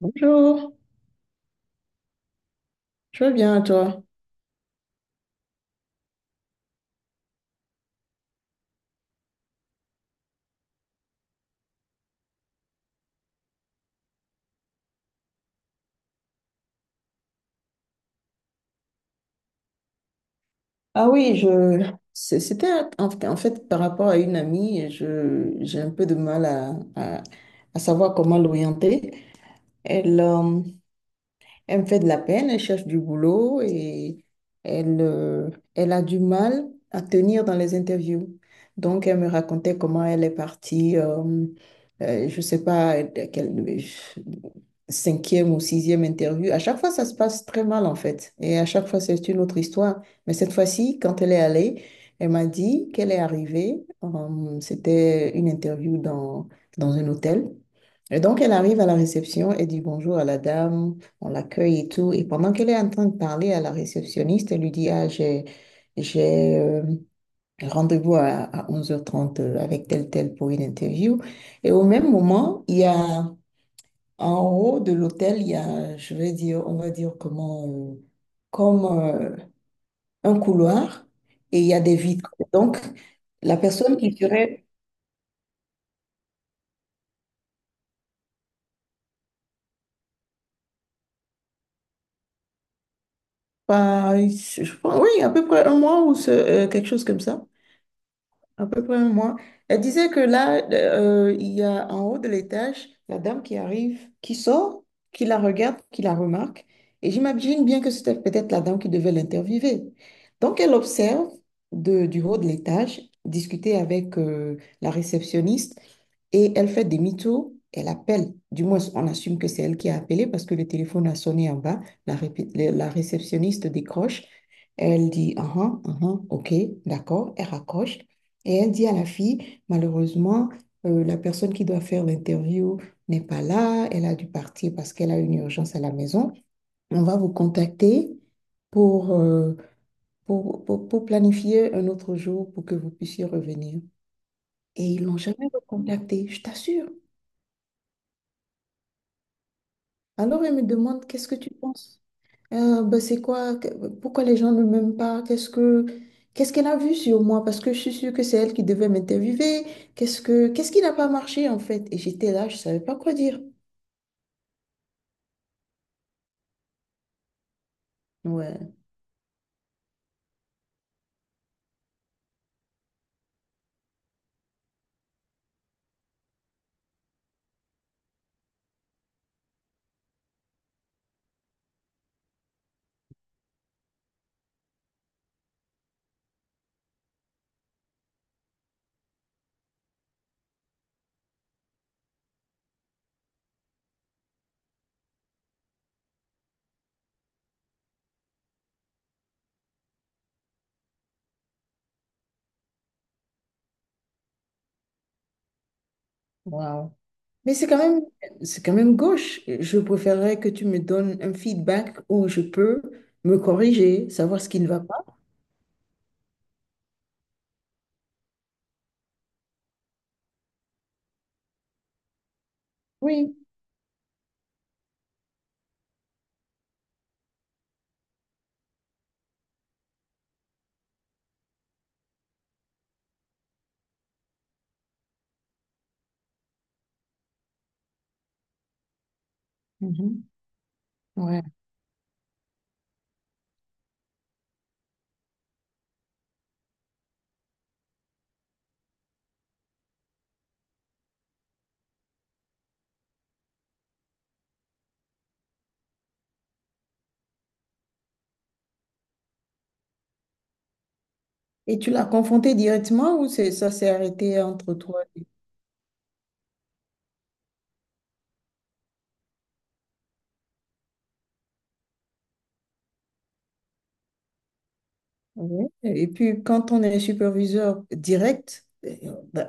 Bonjour, tu vas bien toi? Ah oui, c'était en fait par rapport à une amie, je j'ai un peu de mal à savoir comment l'orienter. Elle, euh, elle me fait de la peine, elle cherche du boulot et elle, euh, elle a du mal à tenir dans les interviews. Donc elle me racontait comment elle est partie, je sais pas, cinquième ou sixième interview. À chaque fois, ça se passe très mal, en fait. Et à chaque fois, c'est une autre histoire. Mais cette fois-ci, quand elle est allée, elle m'a dit qu'elle est arrivée. C'était une interview dans un hôtel. Et donc, elle arrive à la réception et dit bonjour à la dame, on l'accueille et tout. Et pendant qu'elle est en train de parler à la réceptionniste, elle lui dit, ah, j'ai rendez-vous à 11h30 avec tel, tel pour une interview. Et au même moment, il y a en haut de l'hôtel, il y a, je vais dire, on va dire comme un couloir et il y a des vitres. Donc, la personne qui serait pas, je pense, oui, à peu près un mois ou quelque chose comme ça, à peu près un mois. Elle disait que il y a en haut de l'étage, la dame qui arrive, qui sort, qui la regarde, qui la remarque. Et j'imagine bien que c'était peut-être la dame qui devait l'interviewer. Donc, elle observe du haut de l'étage, discuter avec la réceptionniste et elle fait demi-tour. Elle appelle, du moins on assume que c'est elle qui a appelé parce que le téléphone a sonné en bas. La, répé- la réceptionniste décroche. Elle dit, ah, ah, ah, ah, ok, d'accord. Elle raccroche. Et elle dit à la fille, malheureusement, la personne qui doit faire l'interview n'est pas là, elle a dû partir parce qu'elle a une urgence à la maison. On va vous contacter pour, euh, pour planifier un autre jour pour que vous puissiez revenir. Et ils l'ont jamais recontactée, je t'assure. Alors elle me demande, qu'est-ce que tu penses? Ben, c'est quoi? Pourquoi les gens ne m'aiment pas? Qu'est-ce qu'elle a vu sur moi? Parce que je suis sûre que c'est elle qui devait m'interviewer. Qu'est-ce qui n'a pas marché en fait? Et j'étais là, je savais pas quoi dire. Ouais. Waouh. Mais c'est quand même gauche. Je préférerais que tu me donnes un feedback où je peux me corriger, savoir ce qui ne va pas. Oui. Mhm. Ouais. Et tu l'as confronté directement ou ça s'est arrêté entre toi et... Ouais. Et puis, quand on est superviseur direct, bah,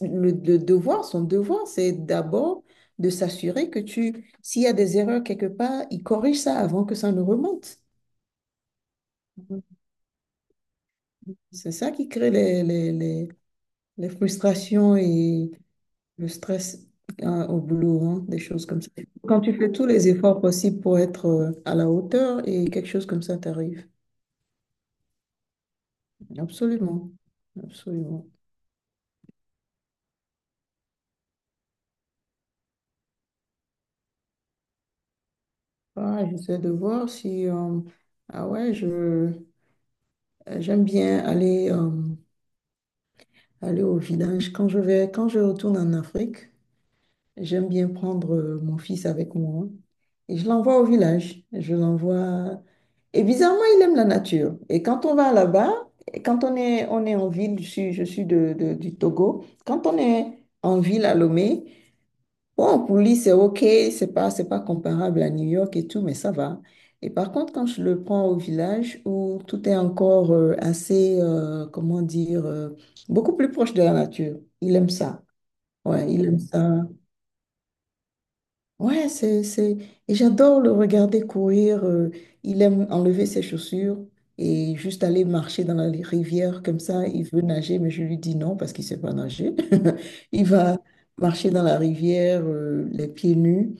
son devoir, c'est d'abord de s'assurer que tu, s'il y a des erreurs quelque part, il corrige ça avant que ça ne remonte. Mhm. C'est ça qui crée les frustrations et le stress hein, au boulot, hein, des choses comme ça. Quand tu fais tous les efforts possibles pour être à la hauteur et quelque chose comme ça t'arrive. Absolument, absolument. Ah, j'essaie de voir si... Ah ouais, j'aime bien aller au village. Quand je retourne en Afrique, j'aime bien prendre mon fils avec moi et je l'envoie au village. Je l'envoie... Et bizarrement, il aime la nature. Et quand on va là-bas, et quand on est en ville, je suis du Togo, quand on est en ville à Lomé. Bon, pour lui, c'est OK, c'est pas comparable à New York et tout, mais ça va. Et par contre, quand je le prends au village où tout est encore beaucoup plus proche de la nature, il aime ça. Ouais, il aime ça. Ouais. Et j'adore le regarder courir. Il aime enlever ses chaussures et juste aller marcher dans la rivière comme ça. Il veut nager, mais je lui dis non parce qu'il ne sait pas nager. Il va marcher dans la rivière, les pieds nus.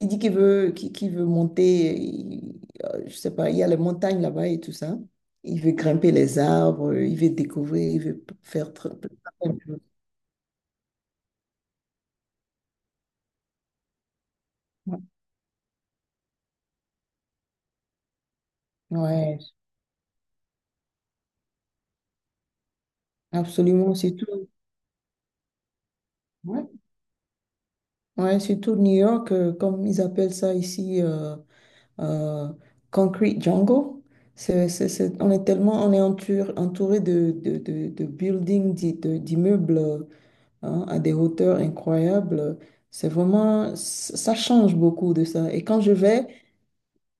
Il dit qu'il veut monter, je sais pas, il y a les montagnes là-bas et tout ça. Il veut grimper les arbres, il veut découvrir, il veut faire plein de choses. Ouais, absolument, c'est tout. Ouais, surtout New York, comme ils appellent ça ici, euh, Concrete Jungle. On est tellement, on est entouré de buildings, d'immeubles hein, à des hauteurs incroyables. C'est vraiment, ça change beaucoup de ça. Et quand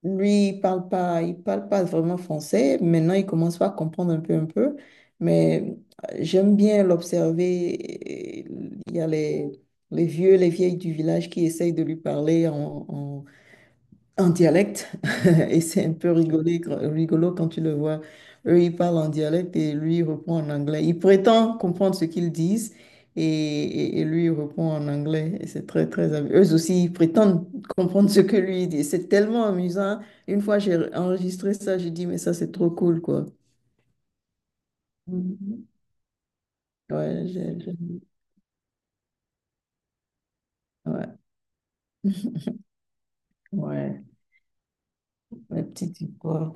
lui, il parle pas vraiment français. Maintenant, il commence pas à comprendre un peu, un peu. Mais j'aime bien l'observer. Il y a les vieux, les vieilles du village qui essayent de lui parler en dialecte. Et c'est un peu rigolo quand tu le vois. Eux, ils parlent en dialecte et lui, il reprend en anglais. Il prétend comprendre ce qu'ils disent et lui, il reprend en anglais. Et c'est très, très amusant. Eux aussi, ils prétendent comprendre ce que lui dit. C'est tellement amusant. Une fois, j'ai enregistré ça, j'ai dit, mais ça, c'est trop cool, quoi. Mhm. Ouais, ouais, ouais, la petite histoire.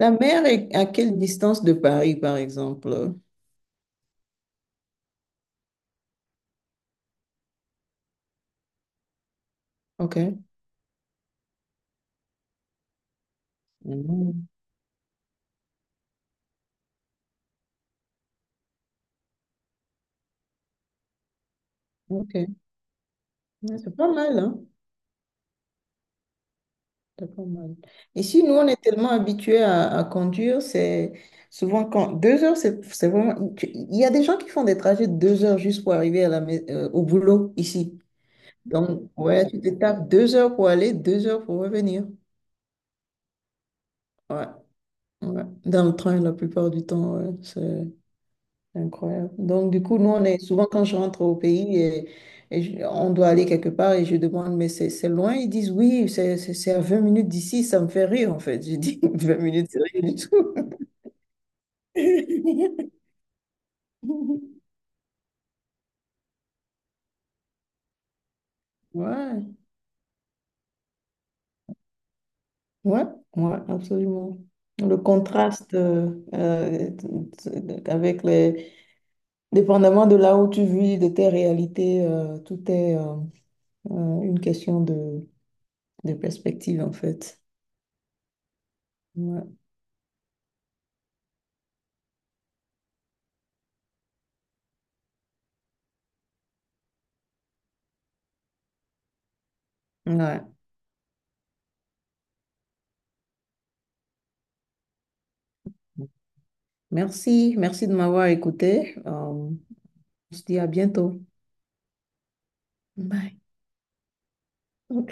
La mer est à quelle distance de Paris, par exemple? OK. Mhm. OK. Ouais, c'est pas mal, hein? T'as pas mal. Ici, nous, on est tellement habitués à conduire, c'est souvent quand 2 heures, c'est vraiment. Il y a des gens qui font des trajets de 2 heures juste pour arriver au boulot ici. Donc, ouais, tu te tapes 2 heures pour aller, 2 heures pour revenir. Ouais, ouais. Dans le train, la plupart du temps, ouais, c'est. Incroyable. Donc, du coup, nous, on est souvent quand je rentre au pays et, on doit aller quelque part et je demande, mais c'est loin? Ils disent, oui, c'est à 20 minutes d'ici, ça me fait rire en fait. Je dis, 20 minutes, c'est rien du tout. Ouais, ouais, ouais, absolument. Le contraste avec les... Dépendamment de là où tu vis, de tes réalités, tout est une question de perspective en fait. Ouais. Ouais. Merci, merci de m'avoir écouté. On se dit à bientôt. Bye. Ok.